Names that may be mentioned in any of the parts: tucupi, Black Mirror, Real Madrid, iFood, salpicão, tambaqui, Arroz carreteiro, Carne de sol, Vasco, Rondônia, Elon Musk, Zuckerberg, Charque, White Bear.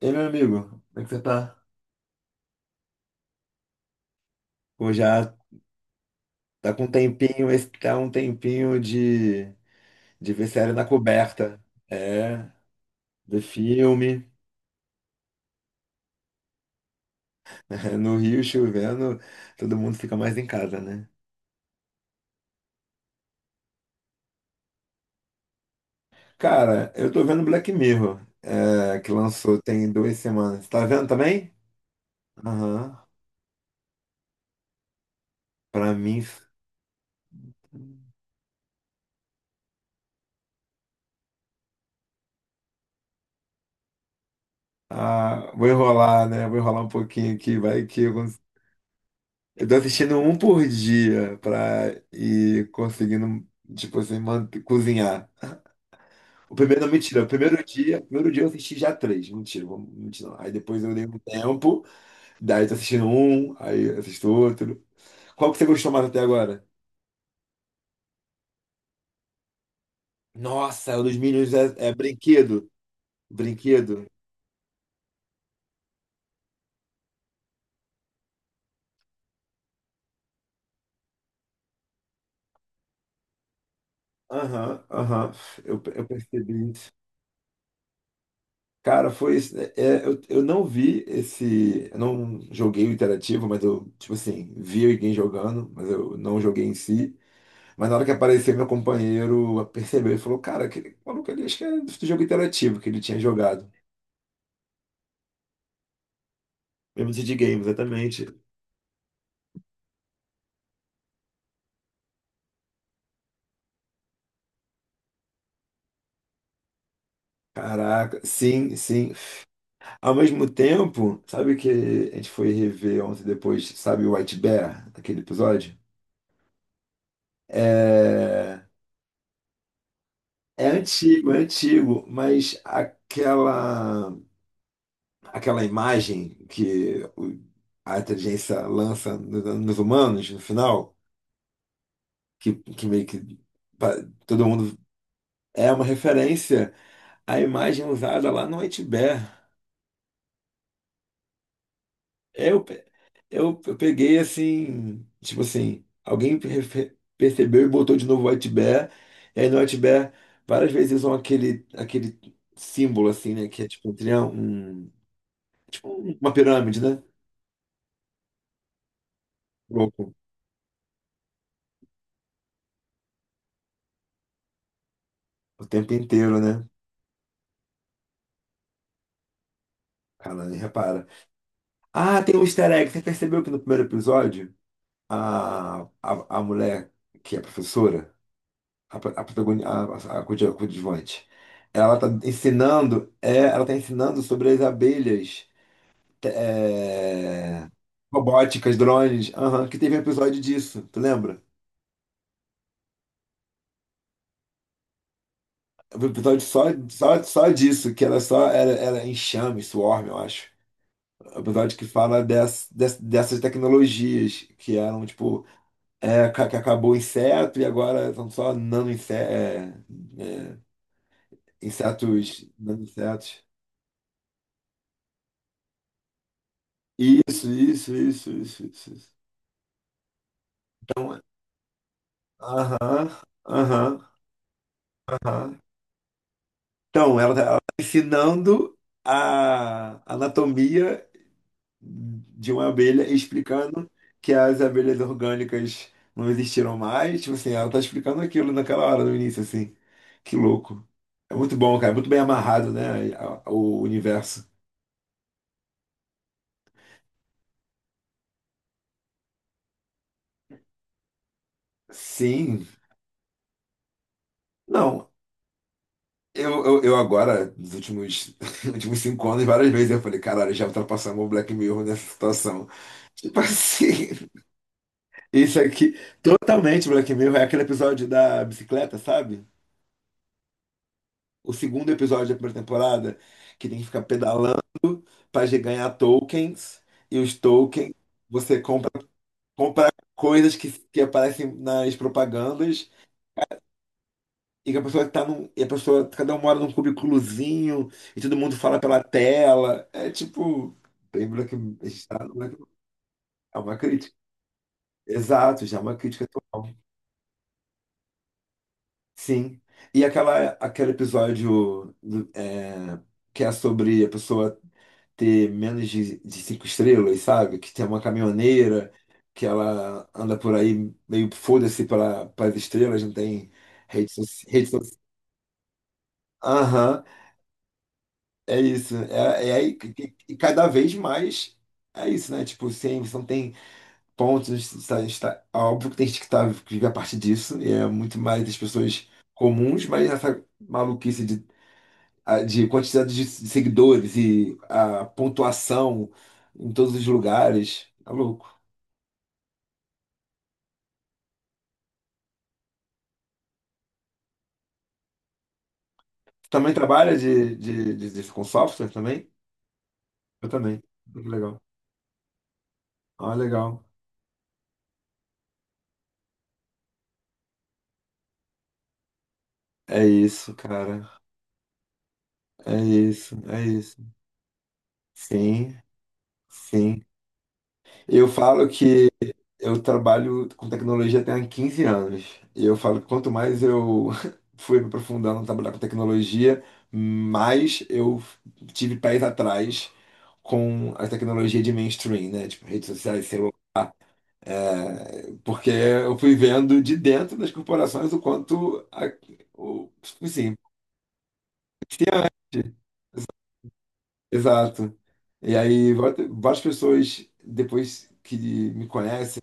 E aí, meu amigo, como é que você tá? Pô, já tá com um tempinho, esse tá um tempinho de ver série na coberta. É, ver filme. No Rio chovendo, todo mundo fica mais em casa, né? Cara, eu tô vendo Black Mirror, é, que lançou tem 2 semanas. Tá vendo também? Aham. Pra mim. Ah, vou enrolar, né? Vou enrolar um pouquinho aqui, vai que eu. Eu tô assistindo um por dia pra ir conseguindo, tipo assim, cozinhar. O primeiro, não, mentira, o primeiro dia eu assisti já três, mentira, mentira. Não. Aí depois eu dei um tempo, daí tô assistindo um, aí assisto outro. Qual que você gostou mais até agora? Nossa, o dos Minions é brinquedo, brinquedo. Aham, aham, eu percebi. Cara, foi isso, né? É, eu não vi esse. Eu não joguei o interativo, mas eu, tipo assim, vi alguém jogando, mas eu não joguei em si. Mas na hora que apareceu, meu companheiro percebeu e falou: "Cara, aquele maluco ali, acho que é do jogo interativo que ele tinha jogado." Mesmo de Game, exatamente. Caraca, sim, sim. Ao mesmo tempo, sabe que a gente foi rever ontem depois, sabe, o White Bear, aquele episódio? É, é antigo, é antigo, mas aquela imagem que a inteligência lança nos humanos no final, que meio que pa- todo mundo é uma referência, à imagem é usada lá no White Bear. Eu, pe- eu peguei assim, tipo assim, alguém percebeu e botou de novo White Bear, e aí no White Bear várias vezes usam aquele símbolo assim, né, que é tipo um triângulo, tipo uma pirâmide, né? Louco, o tempo inteiro, né? Cara, repara. Ah, tem um easter egg. Você percebeu que no primeiro episódio, a mulher que é professora, a, pro- a, protagoni- a, coadju- coadjuvante, ela tá ensinando sobre as abelhas te- é, robóticas, drones, aham, que teve um episódio disso, tu lembra? Um episódio só, só, só disso, que ela só era enxame, swarm, eu acho. Um episódio que fala dessas tecnologias que eram, tipo. É, que acabou o inseto e agora são só nano inse- é, é, insetos, nano insetos. Isso, isso, isso, isso, isso, isso. Então, aham, aham, aham. Então, ela está ensinando a anatomia de uma abelha, e explicando que as abelhas orgânicas não existiram mais. Tipo assim, ela está explicando aquilo naquela hora, no início, assim. Que louco. É muito bom, cara. É muito bem amarrado, né? O universo. Sim. Não, eu agora, nos últimos, nos últimos 5 anos, várias vezes eu falei, caralho, já ultrapassamos o Black Mirror nessa situação. Tipo assim, isso aqui, totalmente Black Mirror, é aquele episódio da bicicleta, sabe? O segundo episódio da primeira temporada, que tem que ficar pedalando pra ganhar tokens, e os tokens você compra coisas que aparecem nas propagandas. E que a pessoa tá num. E a pessoa. Cada um mora num cubículozinho e todo mundo fala pela tela. É tipo. Bem Black, a gente tá no Black-. É uma crítica. Exato, já é uma crítica atual. Sim. E aquele episódio que é sobre a pessoa ter menos de cinco estrelas, sabe? Que tem uma caminhoneira, que ela anda por aí meio foda-se pelas estrelas, não tem rede social. Rede social. Aham. É isso, é aí e cada vez mais é isso, né? Tipo, sim, você não tem pontos, tá, está, é óbvio que tem gente que, tá, que vive a partir disso, e é muito mais das pessoas comuns, mas essa maluquice de quantidade de seguidores e a pontuação em todos os lugares, é louco. Também trabalha com software também? Eu também. Muito legal. Ah, legal. É isso, cara. É isso, é isso. Sim, sim. Eu falo que eu trabalho com tecnologia tem há 15 anos. E eu falo que quanto mais eu fui me aprofundando no trabalhar com tecnologia, mais eu tive pés atrás com a tecnologia de mainstream, né? Tipo, redes sociais, celular. É, porque eu fui vendo de dentro das corporações o quanto... o, sim, exato. E aí, várias pessoas, depois que me conhecem.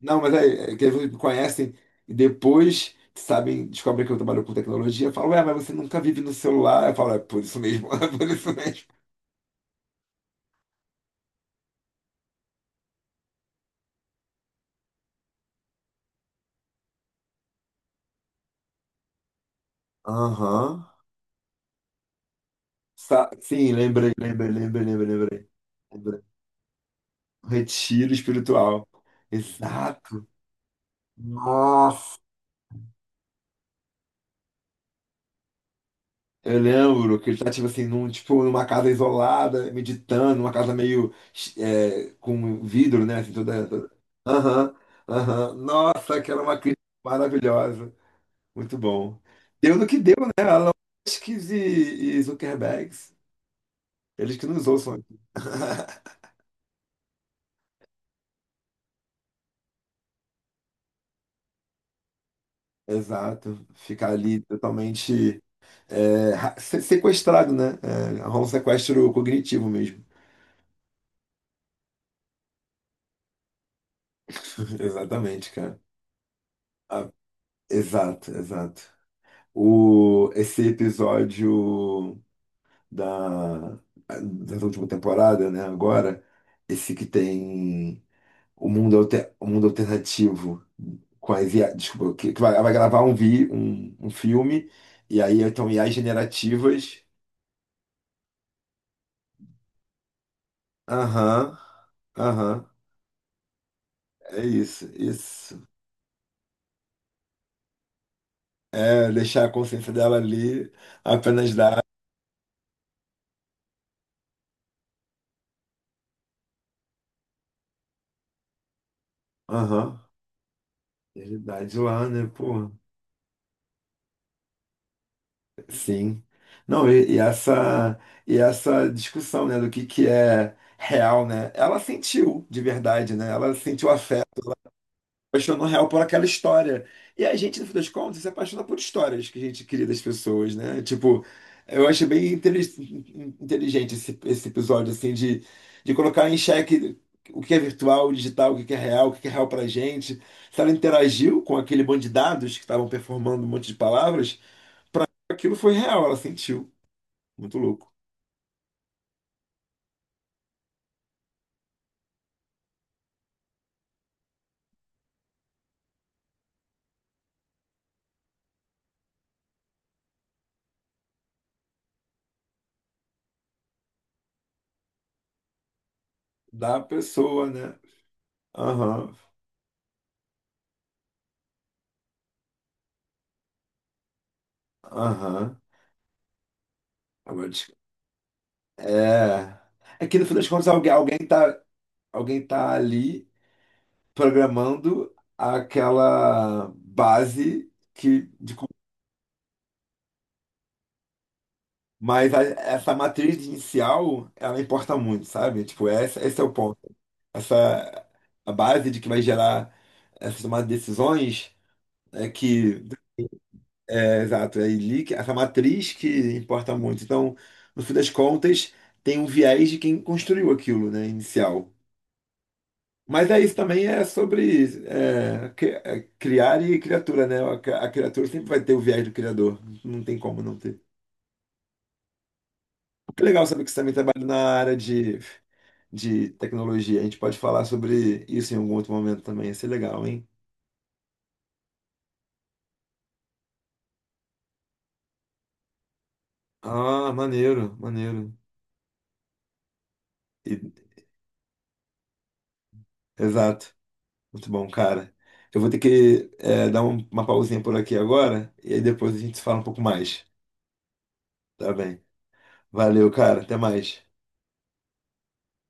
Não, mas aí, é que eles me conhecem e depois sabem, descobrem que eu trabalho com tecnologia, falam, ué, mas você nunca vive no celular. Eu falo, é por isso mesmo, é por isso mesmo. Aham. Sim, lembrei, lembrei, lembrei, lembrei, lembrei, lembrei. Retiro espiritual. Exato. Nossa. Eu lembro que ele tá, tipo assim, tipo, numa casa isolada, meditando, uma casa meio com vidro, né? Assim, Aham, aham. Nossa, aquela é uma crise maravilhosa. Muito bom. Deu no que deu, né? Elon Musk e Zuckerberg. Eles que nos ouçam aqui. Exato. Ficar ali totalmente sequestrado, né? É, rola um sequestro cognitivo mesmo. Exatamente, cara. Ah, exato, exato. O, esse episódio da, da última temporada, né? Agora, esse que tem o mundo alternativo com a IA, desculpa, que vai, ela vai gravar um filme, e aí então IAs generativas. Aham, aham, é isso, isso. É deixar a consciência dela ali, apenas dar. Aham, realidade lá, né, pô? Sim. Não, e essa discussão, né, do que é real, né? Ela sentiu de verdade, né? Ela sentiu afeto apaixonou real por aquela história. E a gente, no fim das contas, se apaixona por histórias que a gente cria das pessoas, né? Tipo, eu achei bem inteligente esse episódio, assim, de, colocar em xeque o que é virtual, o digital, o que é real, o que é real pra gente. Se ela interagiu com aquele bando de dados que estavam performando um monte de palavras, aquilo foi real, ela sentiu. Muito louco. Da pessoa, né? Aham, aham. Agora, é. É que no fim das contas, alguém tá ali programando aquela base Mas essa matriz inicial ela importa muito, sabe? Tipo, esse é o ponto. Essa a base de que vai gerar essas tomadas de decisões é que exato, é ali que essa matriz que importa muito. Então, no fim das contas, tem um viés de quem construiu aquilo, né, inicial. Mas é isso também é sobre criar e criatura, né? A criatura sempre vai ter o viés do criador. Não tem como não ter. Que legal saber que você também trabalha na área de tecnologia. A gente pode falar sobre isso em algum outro momento também. Ia ser legal, hein? Ah, maneiro, maneiro. E- Exato. Muito bom, cara. Eu vou ter que dar uma pausinha por aqui agora e aí depois a gente se fala um pouco mais. Tá bem. Valeu, cara. Até mais.